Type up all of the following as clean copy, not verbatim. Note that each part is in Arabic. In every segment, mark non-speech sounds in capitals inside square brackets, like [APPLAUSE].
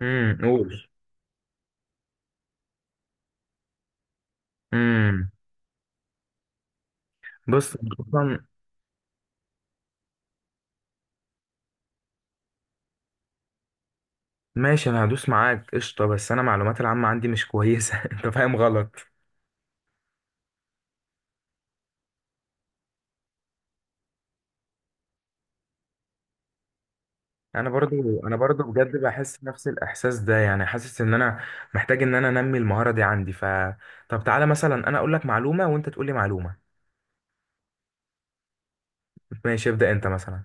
قول. امم بص، أنا اصلا. ماشي، انا هدوس معاك قشطه، بس انا معلومات العامه عندي مش كويسه [LAUGHS] انت فاهم غلط. انا برضو بجد بحس نفس الاحساس ده، يعني حاسس ان انا محتاج ان انا انمي المهاره دي عندي ف طب تعالى مثلا انا اقول لك معلومه وانت تقول لي معلومه. ماشي، ابدا، انت مثلا.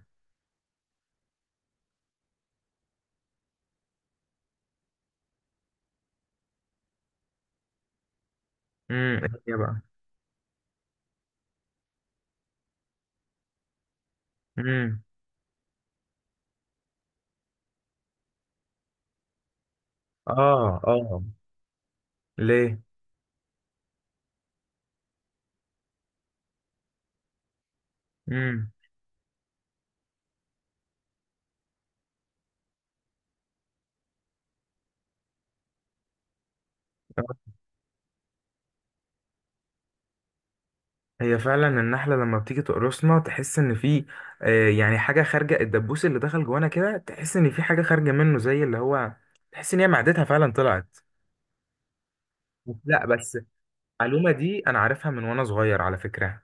ايه هي بقى؟ امم. اه، اه. ليه؟ امم. هي فعلا النحلة لما بتيجي تقرصنا تحس ان في يعني حاجة خارجة، الدبوس اللي دخل جوانا كده تحس ان في حاجة خارجة منه، زي اللي هو تحس ان هي معدتها فعلا طلعت. لا، بس المعلومة دي انا عارفها من وانا صغير على فكرة.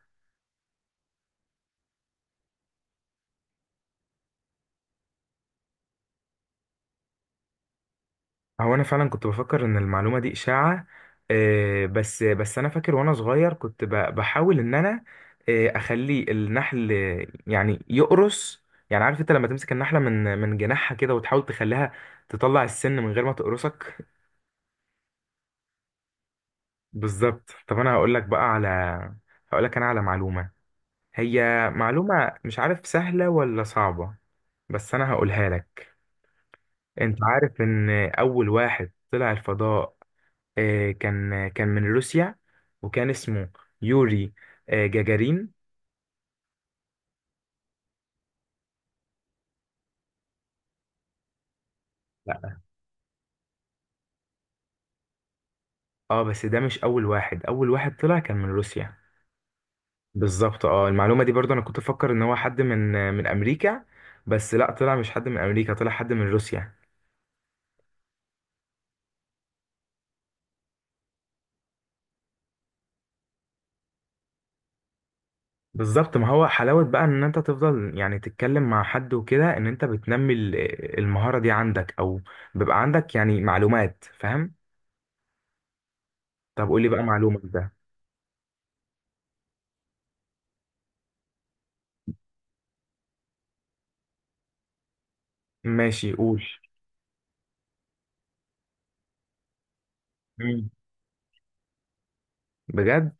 هو انا فعلا كنت بفكر ان المعلومة دي اشاعة، بس انا فاكر وانا صغير كنت بحاول ان انا اخلي النحل، يعني يقرص. يعني عارف انت لما تمسك النحلة من جناحها كده وتحاول تخليها تطلع السن من غير ما تقرصك. بالظبط. طب انا هقول لك بقى على، هقول لك انا على معلومة. هي معلومة مش عارف سهلة ولا صعبة، بس انا هقولها لك. انت عارف ان اول واحد طلع الفضاء كان من روسيا، وكان اسمه يوري جاجارين. لا. اه، بس ده مش اول واحد، اول واحد طلع كان من روسيا. بالظبط. اه، المعلومة دي برضه انا كنت افكر ان هو حد من امريكا، بس لا، طلع مش حد من امريكا، طلع حد من روسيا. بالظبط. ما هو حلاوة بقى ان انت تفضل يعني تتكلم مع حد وكده، ان انت بتنمي المهارة دي عندك، او بيبقى عندك يعني معلومات، فاهم؟ طب قول لي بقى، معلومة ده. ماشي، قول. مم. بجد؟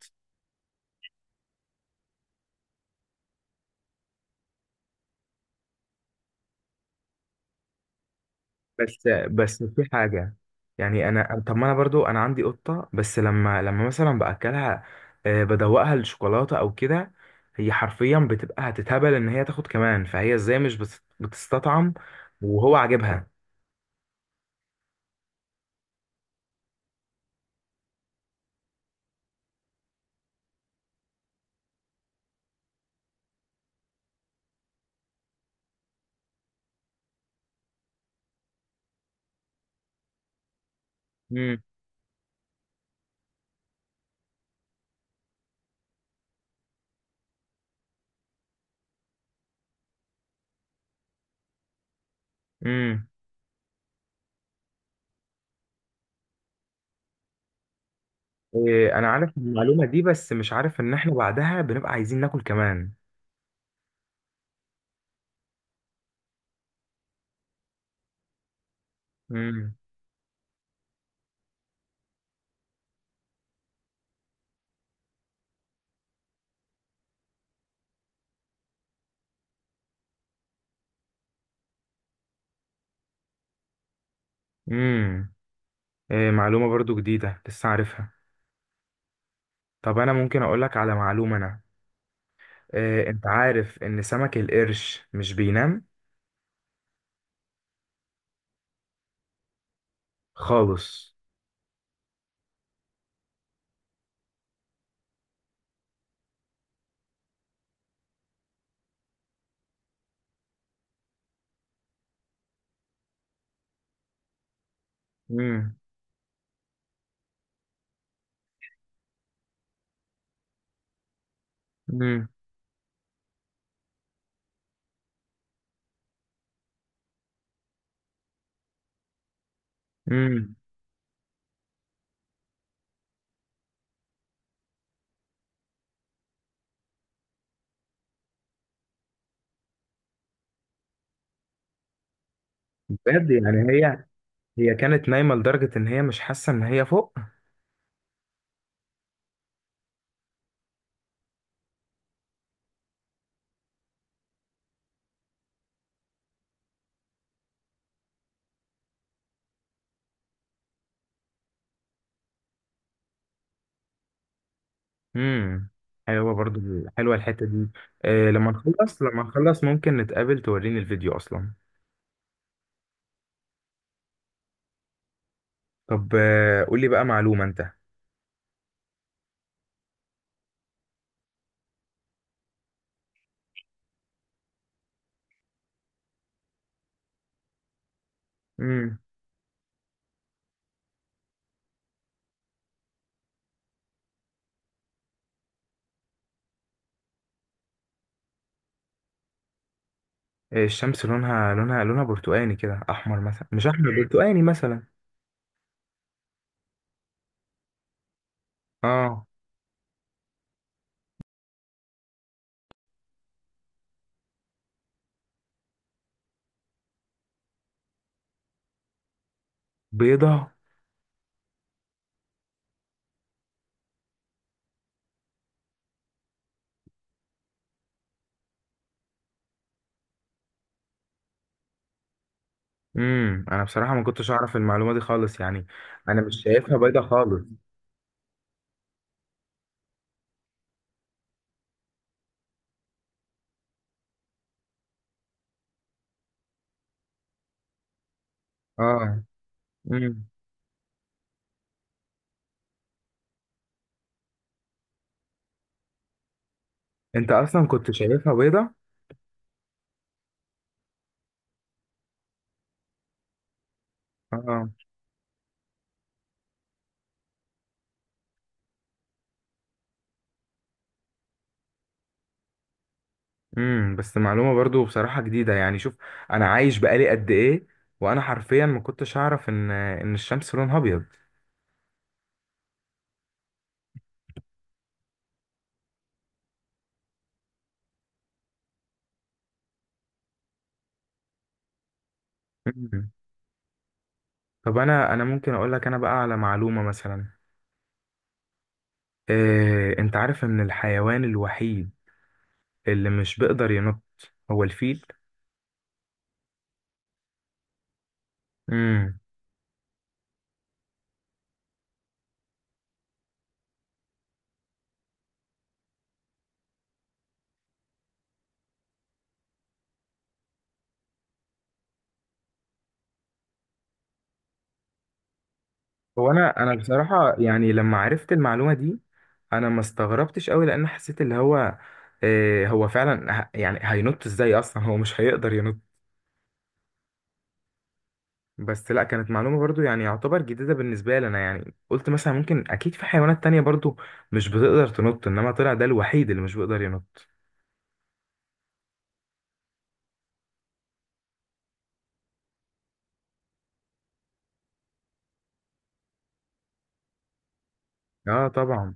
بس في حاجة، يعني انا، طب ما انا برضو انا عندي قطة، بس لما مثلا باكلها بدوقها الشوكولاتة او كده، هي حرفيا بتبقى هتتهبل ان هي تاخد كمان، فهي ازاي مش بتستطعم وهو عاجبها؟ مم. إيه، انا عارف المعلومه دي، بس مش عارف ان احنا بعدها بنبقى عايزين ناكل كمان. امم. امم. إيه، معلومه برضو جديده لسه عارفها. طب انا ممكن اقول لك على معلومه انا، إيه، انت عارف ان سمك القرش مش بينام خالص؟ امم. امم. امم. بجد؟ يعني هي، هي كانت نايمه لدرجه ان هي مش حاسه ان هي فوق؟ امم. حلوه برضو، حلوه الحته دي. إيه، لما نخلص، لما نخلص ممكن نتقابل توريني الفيديو اصلا. طب قولي بقى معلومه انت. امم الشمس لونها، لونها، لونها برتقاني كده، احمر مثلا، مش احمر، مم، برتقاني مثلا. اه. بيضة؟ انا بصراحة ما كنتش اعرف المعلومة دي خالص يعني. انا مش شايفها بيضة خالص. اه. امم. انت اصلا كنت شايفها بيضة؟ اه. بس معلومة برضو بصراحة جديدة. يعني شوف، انا عايش بقالي قد ايه وانا حرفيا ما كنتش اعرف ان الشمس لونها ابيض. امم. طب انا ممكن اقول لك انا بقى على معلومة مثلا. إيه، انت عارف ان الحيوان الوحيد اللي مش بيقدر ينط هو الفيل. امم هو انا بصراحه، يعني لما عرفت المعلومه دي انا ما استغربتش قوي، لان حسيت اللي هو إيه، هو فعلا يعني هينط ازاي اصلا؟ هو مش هيقدر ينط. بس لا، كانت معلومه برضو يعني يعتبر جديده بالنسبه لي انا، يعني قلت مثلا ممكن اكيد في حيوانات تانية برضو مش بتقدر تنط، انما طلع ده الوحيد اللي مش بيقدر ينط. اه، طبعا.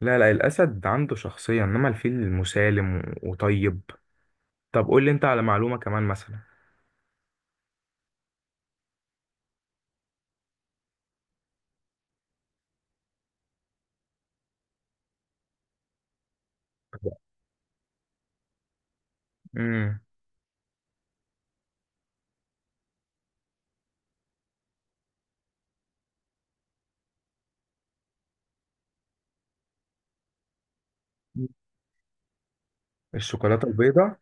لا، لا، الاسد عنده شخصيه، انما الفيل مسالم وطيب. طب قول لي انت على معلومه كمان مثلا. امم الشوكولاتة البيضاء؟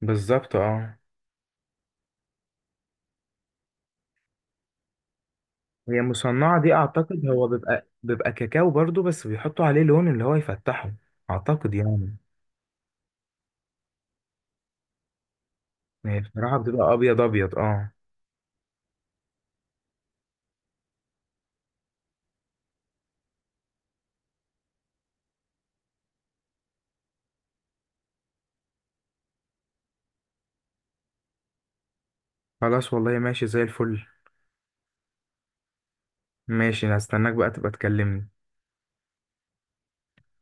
بالظبط، اه. هي مصنعة دي، أعتقد هو بيبقى كاكاو برضو، بس بيحطوا عليه لون اللي هو يفتحه، أعتقد يعني. هي بصراحة بتبقى أبيض أبيض، اه. خلاص، والله ماشي زي الفل. ماشي، هستناك بقى تبقى تكلمني.